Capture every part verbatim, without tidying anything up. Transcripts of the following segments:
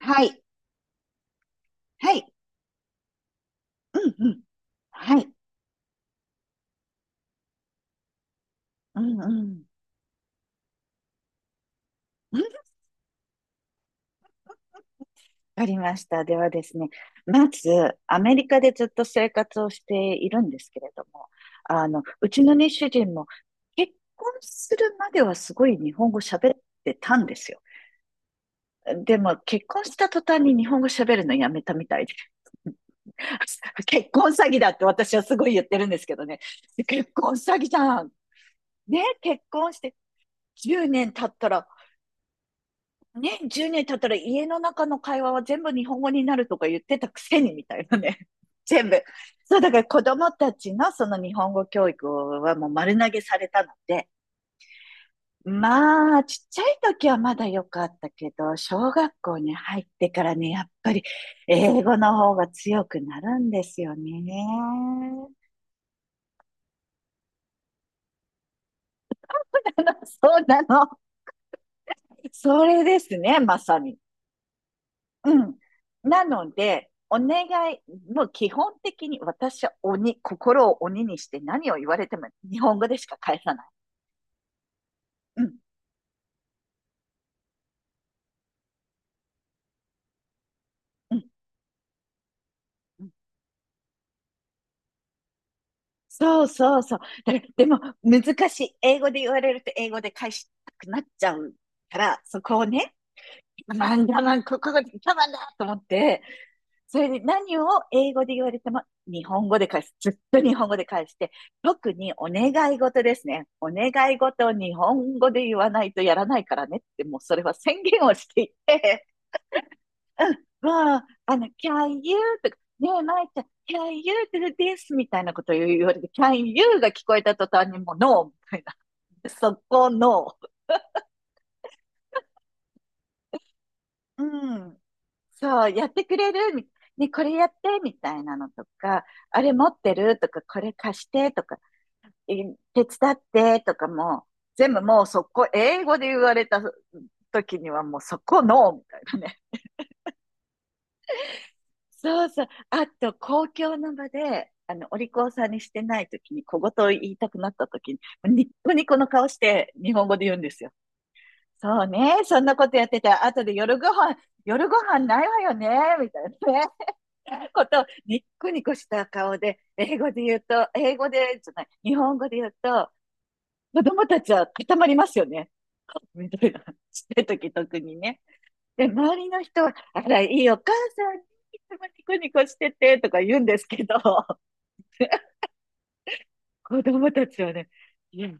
はい。はい。うんうん。はい。うんうん。うんわかりました。ではですね、まず、アメリカでずっと生活をしているんですけれども、あの、うちのね、主人も結婚するまではすごい日本語喋ってたんですよ。でも、結婚した途端に日本語喋るのやめたみたいで、結婚詐欺だって私はすごい言ってるんですけどね、結婚詐欺じゃん。ね、結婚してじゅうねん経ったら、ね、じゅうねん経ったら家の中の会話は全部日本語になるとか言ってたくせにみたいなね。全部。そう、だから子供たちのその日本語教育はもう丸投げされたので、まあ、ちっちゃい時はまだ良かったけど、小学校に入ってからね、やっぱり英語の方が強くなるんですよね。そうなの。それですね、まさに。うん。なので、お願い、もう基本的に私は鬼、心を鬼にして何を言われても日本語でしか返さない。うん、うん、うん。そうそうそう。だからでも難しい。英語で言われると英語で返したくなっちゃうから、そこをね、なんだなん、ここが我慢だと思って、それで何を英語で言われても日本語で返す。ずっと日本語で返して、特にお願い事ですね。お願い事を日本語で言わないとやらないからねって、もうそれは宣言をしていて、もう、あの、can you? とか、ねえ、まいちゃん、can you do this? みたいなことを言われて、can you? が聞こえた途端にもう no! みたいな。そこの、うん、そう、やってくれるみたいな。ね、これやってみたいなのとか、あれ持ってるとか、これ貸してとか、手伝ってとかも、全部もうそこ、英語で言われた時にはもうそこの、みたいなね。そうそう。あと、公共の場で、あの、お利口さんにしてない時に、小言を言いたくなった時に、ニッコニコの顔して日本語で言うんですよ。そうね。そんなことやってたら、後で夜ご飯、夜ご飯ないわよね、みたいなね。ことをニッコニコした顔で、英語で言うと、英語で、じゃない、日本語で言うと、子供たちは固まりますよね。みたいな。ちっちゃい時特にね。で、周りの人は、あら、いいお母さん、いつもニコニコしてて、とか言うんですけど、子供たちはね、いや、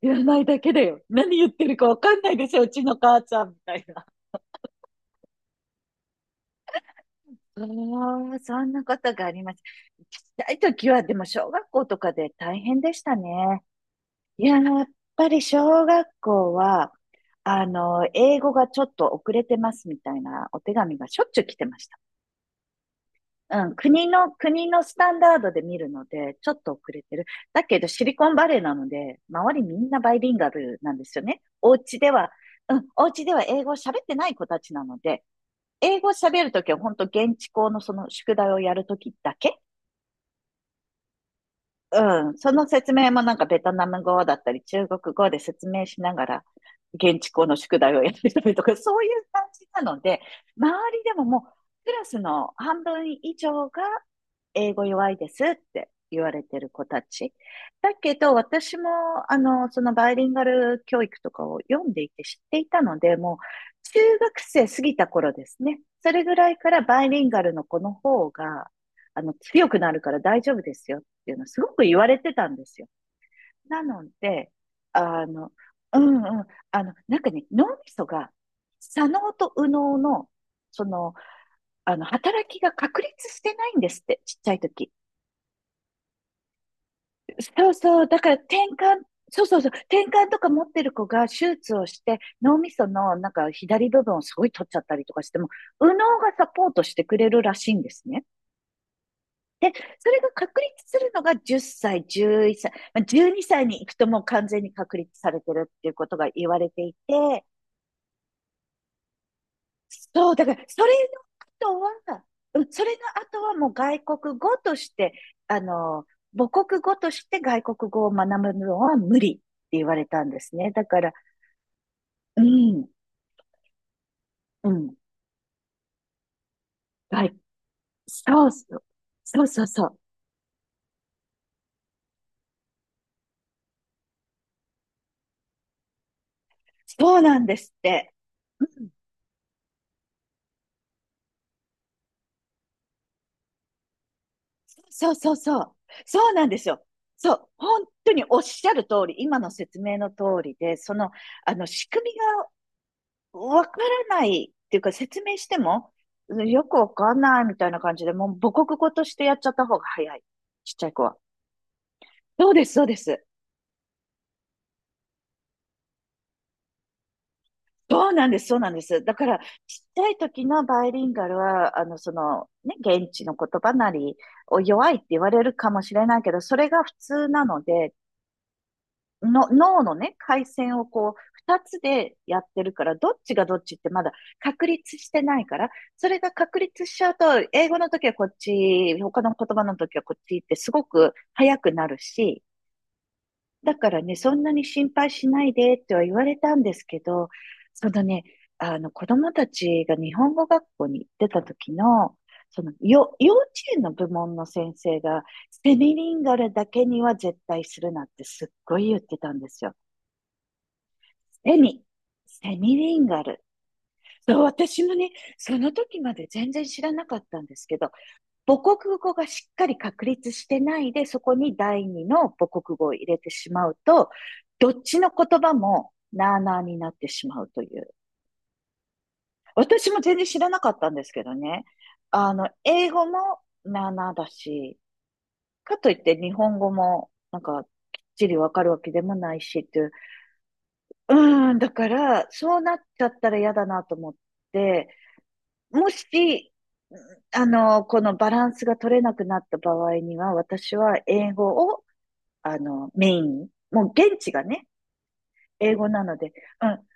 知らないだけだよ。何言ってるかわかんないでしょ、うちの母ちゃん、みたいな。ああ、そんなことがあります。ちっちゃい時は、でも小学校とかで大変でしたね。いや、やっぱり小学校は、あの、英語がちょっと遅れてますみたいなお手紙がしょっちゅう来てました。うん、国の、国のスタンダードで見るので、ちょっと遅れてる。だけど、シリコンバレーなので、周りみんなバイリンガルなんですよね。お家では、うん、お家では英語を喋ってない子たちなので、英語を喋るときは本当現地校のその宿題をやるときだけうん。その説明もなんかベトナム語だったり中国語で説明しながら現地校の宿題をやってたりとか、そういう感じなので、周りでももうクラスの半分以上が英語弱いですって言われてる子たち。だけど、私も、あの、そのバイリンガル教育とかを読んでいて知っていたので、もう、中学生過ぎた頃ですね。それぐらいからバイリンガルの子の方が、あの、強くなるから大丈夫ですよっていうのをすごく言われてたんですよ。なので、あの、うんうん、あの、なんかね、脳みそが、左脳と右脳の、その、あの、働きが確立してないんですって、ちっちゃい時。そうそう、だから転換、そうそうそう、転換とか持ってる子が手術をして、脳みそのなんか左部分をすごい取っちゃったりとかしても、右脳がサポートしてくれるらしいんですね。で、それが確立するのがじゅっさい、じゅういっさい、まあ、じゅうにさいにさいに行くともう完全に確立されてるっていうことが言われていて、そう、だから、それの後は、うんそれの後はもう外国語として、あの、母国語として外国語を学ぶのは無理って言われたんですね。だから、うん、うん、外、そうそう、そうそうそう、そうなんですって。うん、そうそうそう、そうなんですよ。そう、本当におっしゃる通り、今の説明の通りで、その、あの、仕組みわからないっていうか説明しても、うんよくわかんないみたいな感じで、もう母国語としてやっちゃった方が早い。ちっちゃい子は。そうです、そうです。そうなんです、そうなんです。だから、ちっちゃい時のバイリンガルは、あの、その、ね、現地の言葉なりを弱いって言われるかもしれないけど、それが普通なので、の脳のね、回線をこう、二つでやってるから、どっちがどっちってまだ確立してないから、それが確立しちゃうと、英語の時はこっち、他の言葉の時はこっちってすごく早くなるし、だからね、そんなに心配しないでっては言われたんですけど、そのね、あの子供たちが日本語学校に行ってた時の、そのよ、幼稚園の部門の先生が、セミリンガルだけには絶対するなってすっごい言ってたんですよ。セミ、セミリンガル。そう、私もね、その時まで全然知らなかったんですけど、母国語がしっかり確立してないで、そこに第二の母国語を入れてしまうと、どっちの言葉もなあなあになってしまうという。私も全然知らなかったんですけどね。あの、英語もなあなあだし、かといって日本語もなんかきっちりわかるわけでもないしっていう。うーん、だから、そうなっちゃったら嫌だなと思って、もし、あの、このバランスが取れなくなった場合には、私は英語を、あの、メインに、もう現地がね、英語なので、うん、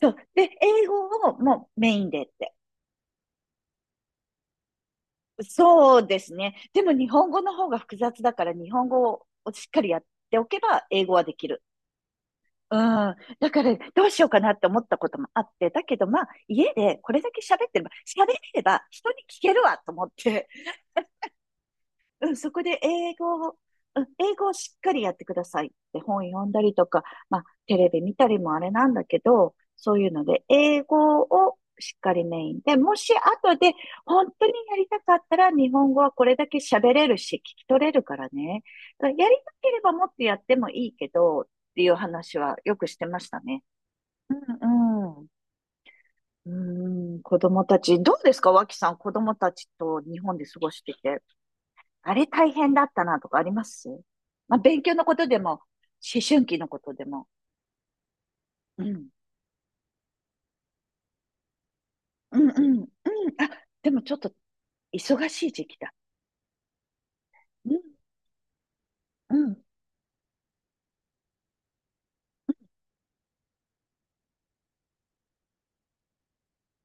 そう。で、英語をもうメインでって。そうですね。でも日本語の方が複雑だから、日本語をしっかりやっておけば、英語はできる。うん。だから、どうしようかなって思ったこともあって、だけど、まあ、家でこれだけ喋ってれば、喋れれば人に聞けるわと思って、うん、そこで英語を、うん、英語をしっかりやってくださいって本読んだりとか、まあ、テレビ見たりもあれなんだけど、そういうので、英語をしっかりメインで、もし後で本当にやりたかったら日本語はこれだけ喋れるし、聞き取れるからね。だからやりたければもっとやってもいいけど、っていう話はよくしてましたね。うんうん。うーん、子供たち、どうですか、脇さん、子供たちと日本で過ごしてて。あれ大変だったなとかありますまあ、勉強のことでも、思春期のことでも。うん。うんうん。うん。あ、でもちょっと忙しい時期だ。うん。うん。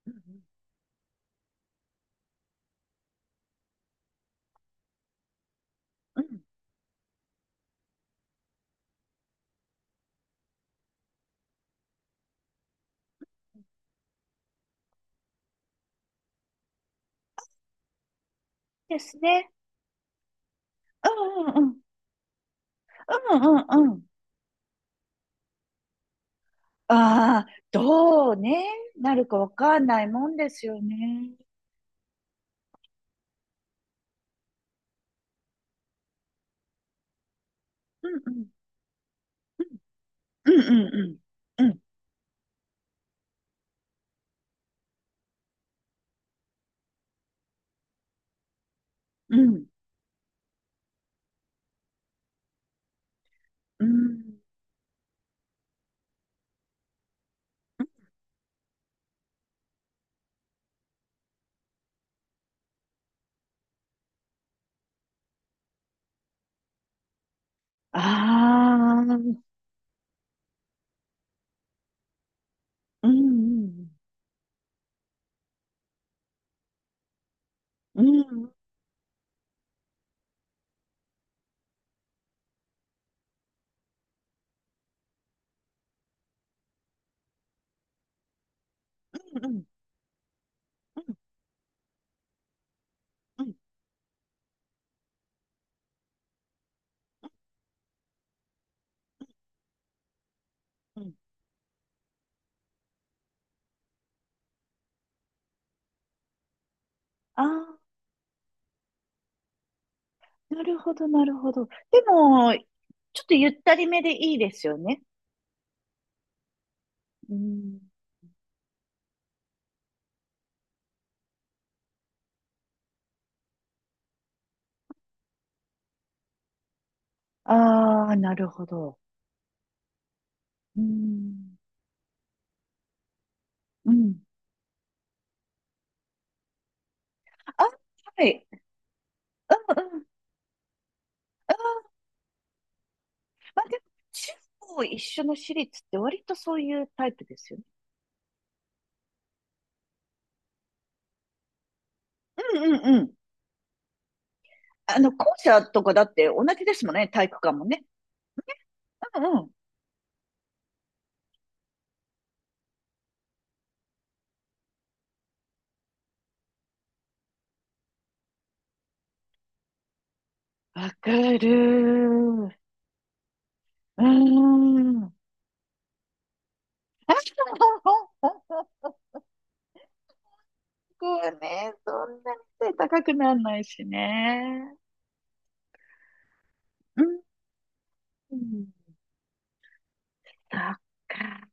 うん。うんですね。うんうんうん。うんうんうん。ああ、どうね、なるかわかんないもんですよね。うんうんうんうんうんうんうんうんうんああーうんうんうんうんうんうんうんうんああ、なるほど、なるほど。でも、ちょっとゆったりめでいいですよね。うん。ああ、なるほど。うん。うん。あ、はい。うんうん。うんまあでも、中高一緒の私立って割とそういうタイプですよね。うんうんうん。あの、校舎とかだって同じですもんね、体育館もね。うんうん。わかる。うーん。僕はね、そんなに背高くならないしね。うん。そっか。